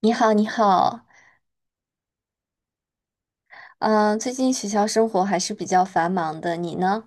你好，你好，嗯，最近学校生活还是比较繁忙的，你呢？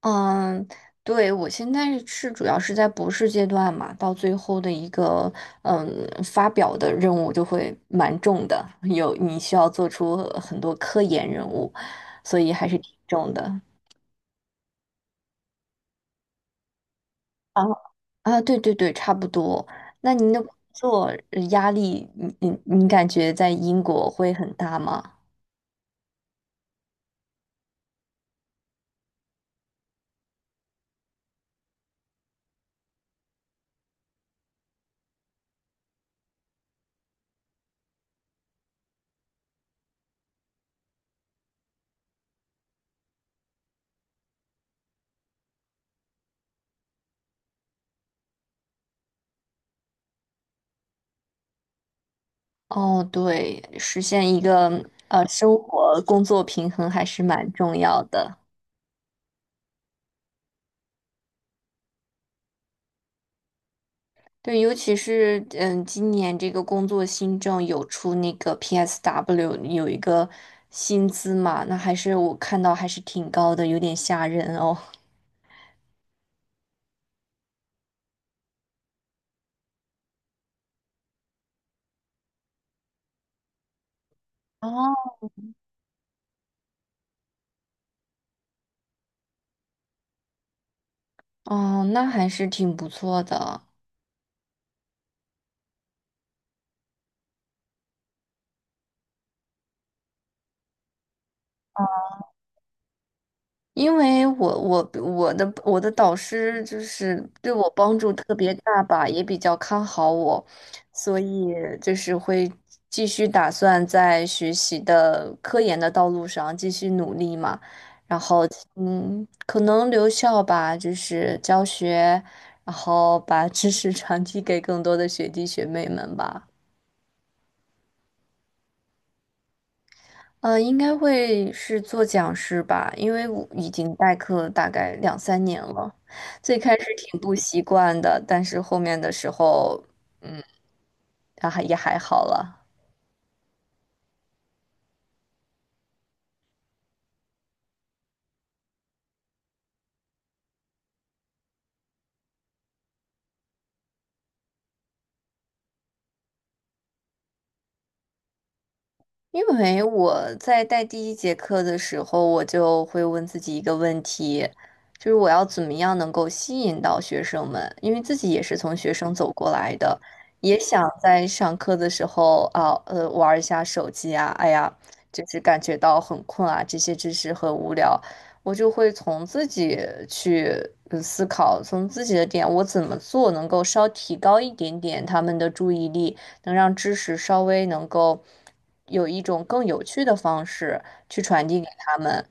嗯，对，我现在是主要是在博士阶段嘛，到最后的一个嗯发表的任务就会蛮重的，有你需要做出很多科研任务，所以还是挺重的。啊啊，对对对，差不多。那您的工作压力，你感觉在英国会很大吗？哦，对，实现一个生活工作平衡还是蛮重要的。对，尤其是嗯，今年这个工作新政有出那个 PSW 有一个薪资嘛，那还是我看到还是挺高的，有点吓人哦。哦，哦，那还是挺不错的。因为我的导师就是对我帮助特别大吧，也比较看好我，所以就是会继续打算在学习的科研的道路上继续努力嘛。然后嗯，可能留校吧，就是教学，然后把知识传递给更多的学弟学妹们吧。应该会是做讲师吧，因为我已经代课大概两三年了，最开始挺不习惯的，但是后面的时候，嗯，还也还好了。因为我在带第一节课的时候，我就会问自己一个问题，就是我要怎么样能够吸引到学生们？因为自己也是从学生走过来的，也想在上课的时候啊，玩儿一下手机啊，哎呀，就是感觉到很困啊，这些知识很无聊，我就会从自己去思考，从自己的点，我怎么做能够稍提高一点点他们的注意力。能让知识稍微能够有一种更有趣的方式去传递给他们。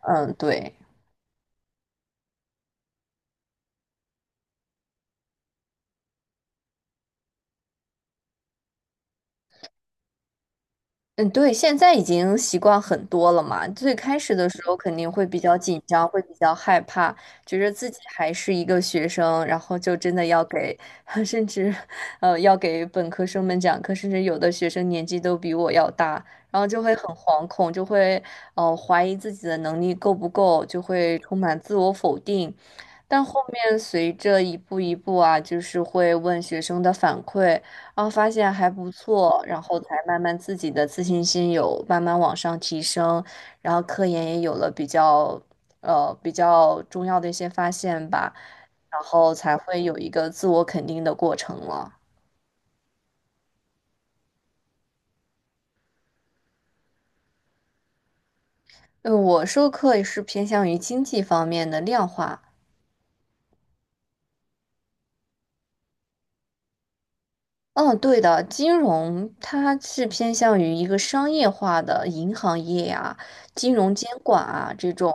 嗯，对。嗯，对，现在已经习惯很多了嘛。最开始的时候肯定会比较紧张，会比较害怕，觉着自己还是一个学生，然后就真的要给，甚至，要给本科生们讲课，甚至有的学生年纪都比我要大，然后就会很惶恐，就会，怀疑自己的能力够不够，就会充满自我否定。但后面随着一步一步啊，就是会问学生的反馈。然后发现还不错，然后才慢慢自己的自信心有慢慢往上提升，然后科研也有了比较重要的一些发现吧，然后才会有一个自我肯定的过程了。我授课也是偏向于经济方面的量化。嗯，对的，金融它是偏向于一个商业化的银行业啊、金融监管啊这种，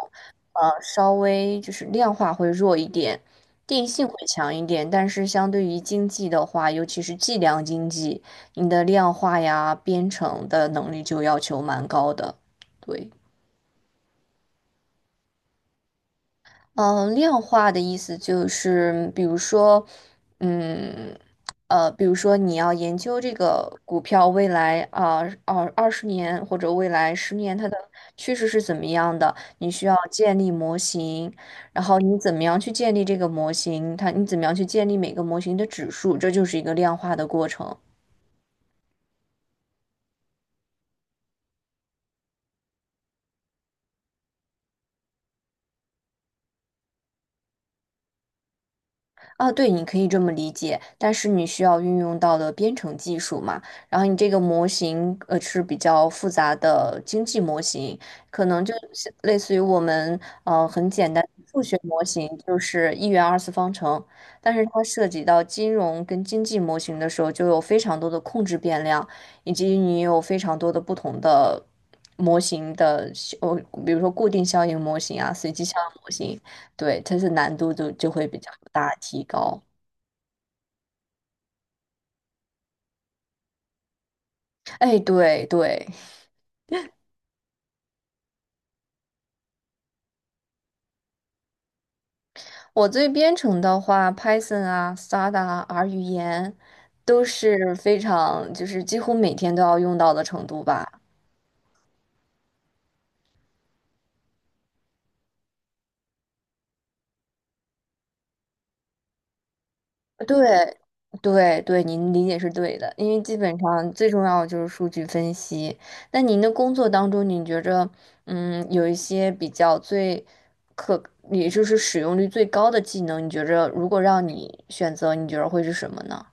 稍微就是量化会弱一点，定性会强一点，但是相对于经济的话，尤其是计量经济，你的量化呀、编程的能力就要求蛮高的。对。嗯，量化的意思就是，嗯，比如说你要研究这个股票未来啊，十年或者未来十年它的趋势是怎么样的，你需要建立模型，然后你怎么样去建立这个模型，它你怎么样去建立每个模型的指数，这就是一个量化的过程。啊，对，你可以这么理解，但是你需要运用到的编程技术嘛，然后你这个模型是比较复杂的经济模型，可能就是类似于我们很简单的数学模型，就是一元二次方程，但是它涉及到金融跟经济模型的时候，就有非常多的控制变量，以及你有非常多的不同的模型的效，比如说固定效应模型啊，随机效应模型。对，它是难度就会比较大提高。哎，对对，我对编程的话，Python 啊、Stata 啊、R 语言都是非常，就是几乎每天都要用到的程度吧。对对对，您理解是对的，因为基本上最重要的就是数据分析。那您的工作当中，你觉着有一些比较最可，也就是使用率最高的技能，你觉着如果让你选择，你觉着会是什么呢？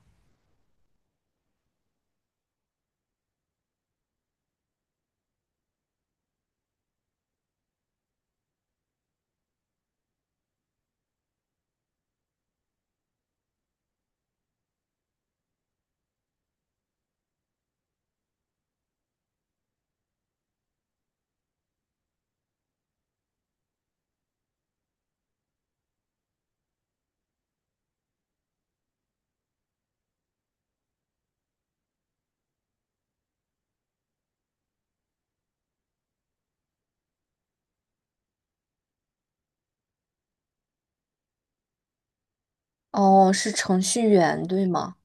哦，是程序员，对吗？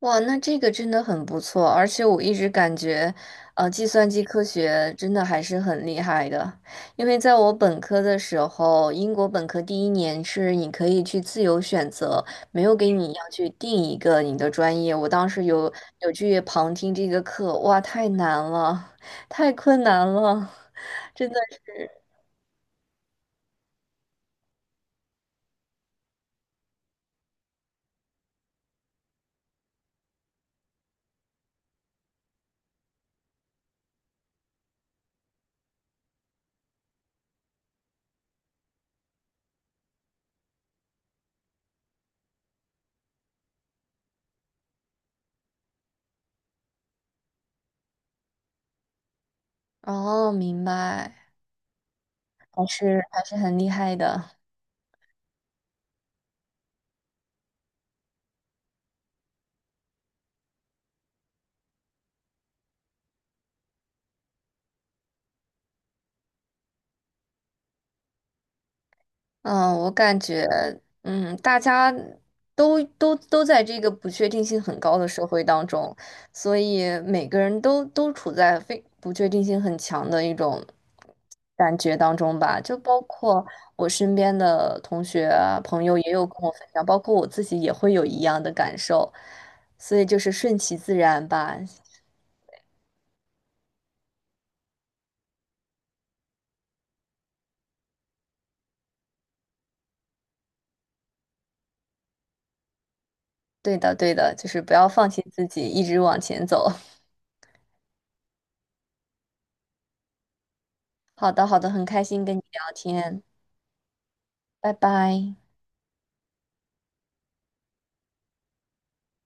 哇，那这个真的很不错，而且我一直感觉，计算机科学真的还是很厉害的，因为在我本科的时候，英国本科第一年是你可以去自由选择，没有给你要去定一个你的专业。我当时有去旁听这个课，哇，太难了，太困难了，真的是。哦，明白，还是还是很厉害的。嗯，我感觉，大家都在这个不确定性很高的社会当中，所以每个人都处在非不确定性很强的一种感觉当中吧。就包括我身边的同学啊朋友也有跟我分享，包括我自己也会有一样的感受，所以就是顺其自然吧。对的，对的，就是不要放弃自己，一直往前走。好的，好的，很开心跟你聊天，拜拜。